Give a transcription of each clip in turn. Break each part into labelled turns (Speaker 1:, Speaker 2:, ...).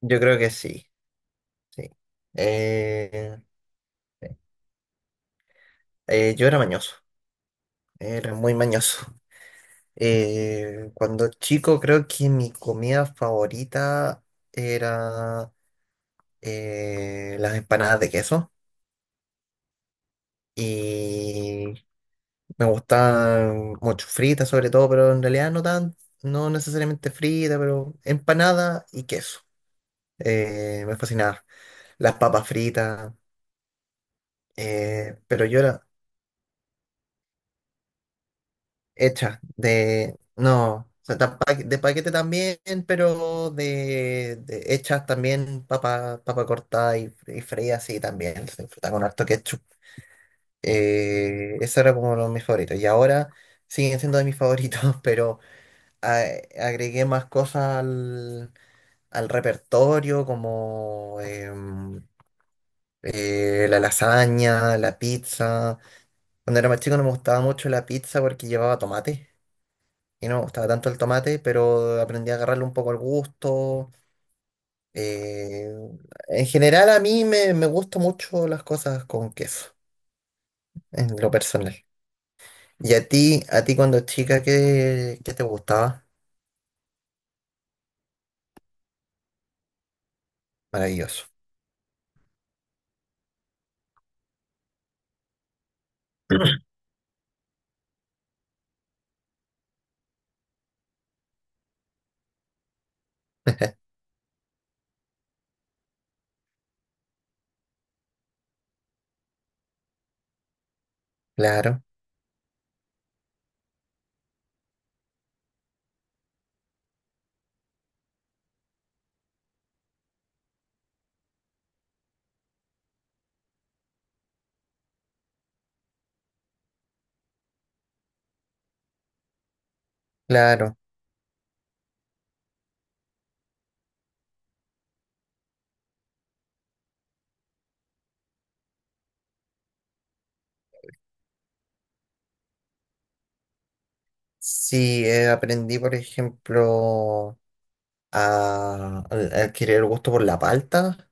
Speaker 1: Yo creo que sí, sí. Eh, yo era mañoso, era muy mañoso. Cuando chico creo que mi comida favorita era las empanadas de queso y me gustaban mucho fritas sobre todo, pero en realidad no necesariamente fritas, pero empanada y queso. Me fascinaba. Las papas fritas, pero yo era hecha de, no, o sea, de paquete también, pero de hechas también papa cortada y freía así también, se disfruta con harto ketchup. Eso era como uno de mis favoritos y ahora siguen siendo de mis favoritos, pero a- agregué más cosas al repertorio como la lasaña, la pizza. Cuando era más chico no me gustaba mucho la pizza porque llevaba tomate. Y no me gustaba tanto el tomate, pero aprendí a agarrarle un poco el gusto. Eh, en general me gustan mucho las cosas con queso, en lo personal. Y a ti cuando chica, ¿ qué te gustaba? Maravilloso. Claro, claro. Sí, aprendí, por ejemplo, a adquirir el gusto por la palta.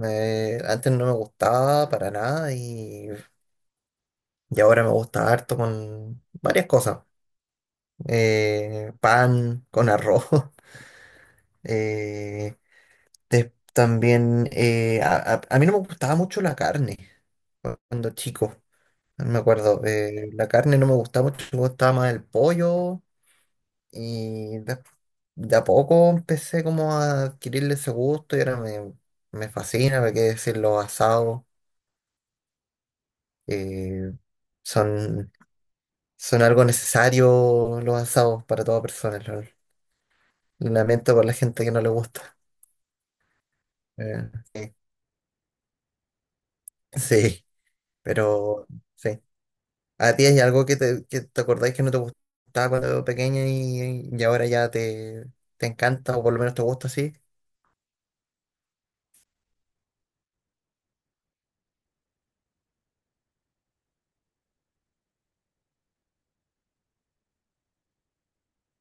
Speaker 1: Antes no me gustaba para nada y ahora me gusta harto con varias cosas. Pan con arroz. eh, también a mí no me gustaba mucho la carne cuando chico, no me acuerdo. La carne no me gustaba mucho, me gustaba más el pollo y de, de a poco empecé como a adquirirle ese gusto y ahora me fascina, me qué decir, los asados. eh, son, son algo necesario los asados para toda persona. Lamento por la gente que no le gusta. eh, sí. Pero sí, ¿a ti hay algo que te acordáis que no te gustaba cuando pequeña y ahora ya te encanta o por lo menos te gusta así?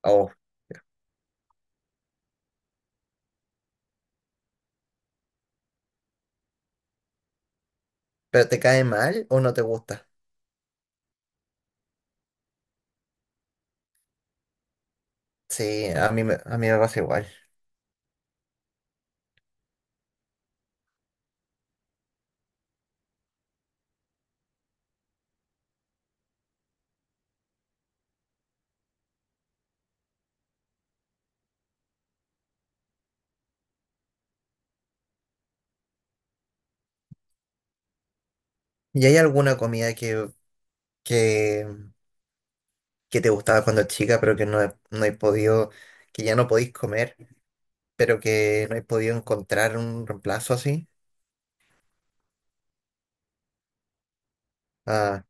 Speaker 1: O, ¿pero te cae mal o no te gusta? Sí, a mí, a mí me pasa igual. ¿Y hay alguna comida que, que te gustaba cuando chica pero que no, no he podido, que ya no podéis comer, pero que no he podido encontrar un reemplazo así? Ah,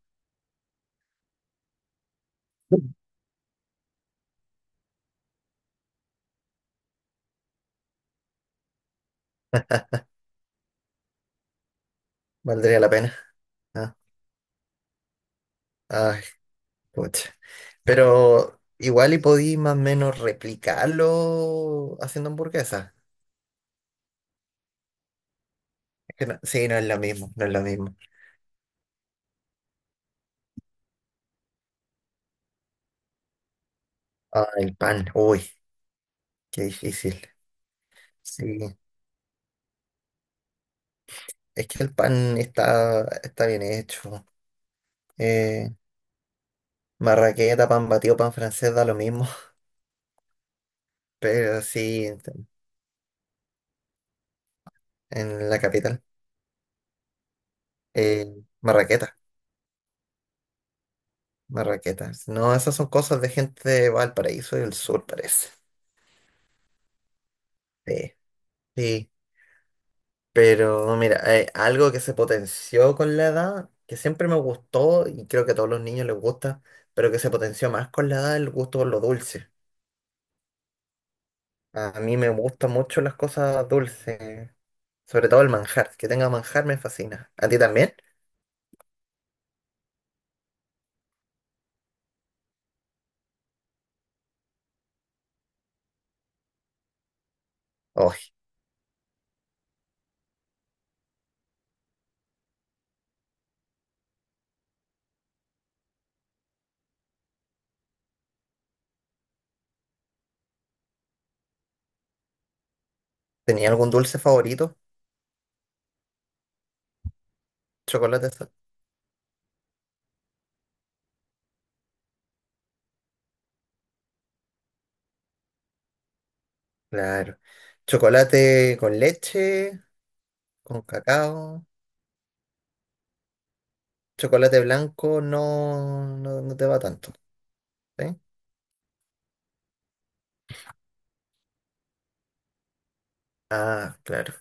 Speaker 1: valdría la pena. Ah, ah. Pucha. Pero igual y podí más o menos replicarlo haciendo hamburguesas. Es que sí, no es lo mismo, no es lo mismo. Ah, el pan, uy, qué difícil. Sí, es que el pan está bien hecho. Eh, marraqueta, pan batido, pan francés, da lo mismo. Pero sí, en la capital. eh, marraqueta, marraquetas. No, esas son cosas de gente de Valparaíso y del sur, parece. Sí, sí. Pero mira, algo que se potenció con la edad, que siempre me gustó y creo que a todos los niños les gusta, pero que se potenció más con la edad, el gusto por lo dulce. A mí me gustan mucho las cosas dulces, sobre todo el manjar. Que tenga manjar me fascina. ¿A ti también? Oh, ¿tenía algún dulce favorito? Chocolate, claro. Chocolate con leche, con cacao. Chocolate blanco no, no, no te va tanto. ¿Sí? Ah, claro.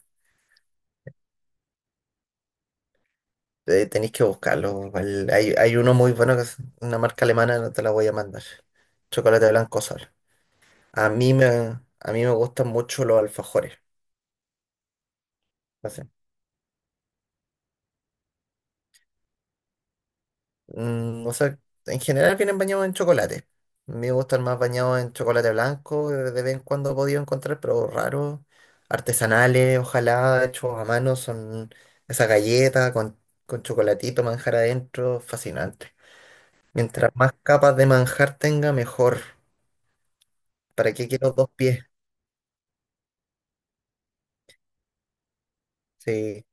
Speaker 1: tenéis que buscarlo. Igual hay, hay uno muy bueno que es una marca alemana, no te la voy a mandar. Chocolate blanco solo. A mí me, a mí me gustan mucho los alfajores. Así. Mm, o sea, en general vienen bañados en chocolate. A mí me gustan más bañados en chocolate blanco, de vez en cuando he podido encontrar, pero raros. Artesanales, ojalá, hechos a mano, son esa galleta con chocolatito, manjar adentro, fascinante. Mientras más capas de manjar tenga, mejor. ¿Para qué quiero dos pies? Sí.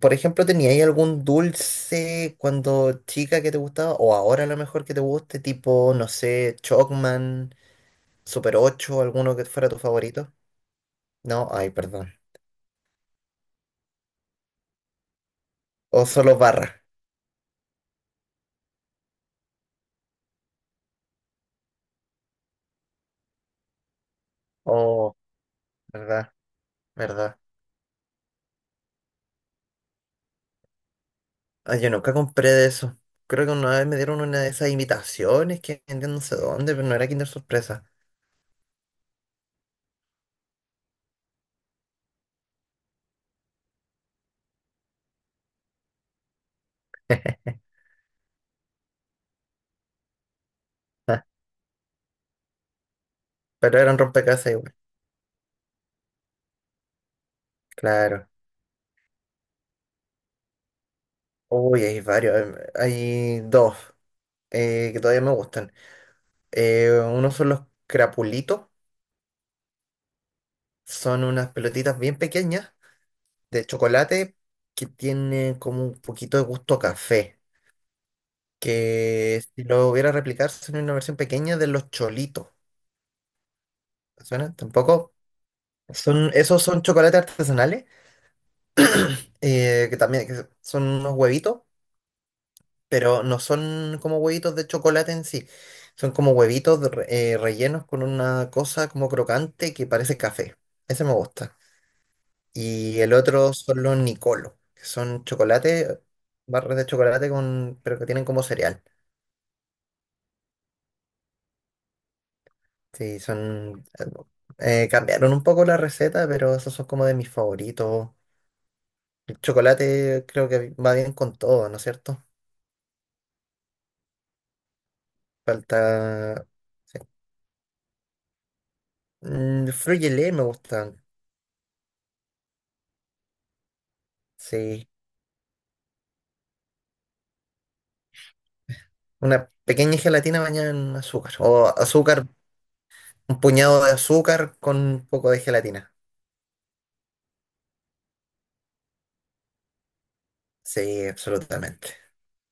Speaker 1: Por ejemplo, ¿teníais algún dulce cuando chica que te gustaba? O ahora a lo mejor que te guste, tipo, no sé, Chocman, Super Ocho, alguno que fuera tu favorito. No, ay, perdón. O solo barra. Oh, verdad, verdad. Ay, yo nunca compré de eso. Creo que una vez me dieron una de esas invitaciones que vendían no sé dónde, pero no era Kinder Sorpresa. Pero eran rompecabezas igual. Claro. Uy, hay varios. Hay dos que todavía me gustan. Uno son los crapulitos, son unas pelotitas bien pequeñas de chocolate que tienen como un poquito de gusto a café, que si lo hubiera replicar son una versión pequeña de los cholitos. ¿Te ¿Suena? Tampoco. Esos son chocolates artesanales, que también que son unos huevitos, pero no son como huevitos de chocolate en sí, son como huevitos de rellenos con una cosa como crocante que parece café. Ese me gusta. Y el otro son los Nicolo, que son chocolate, barras de chocolate con, pero que tienen como cereal. Sí, son... cambiaron un poco la receta, pero esos son como de mis favoritos. El chocolate creo que va bien con todo, ¿no es cierto? Falta... Mm, frugelé me gustan, sí. Una pequeña gelatina bañada en azúcar. O azúcar, un puñado de azúcar con un poco de gelatina. Sí, absolutamente.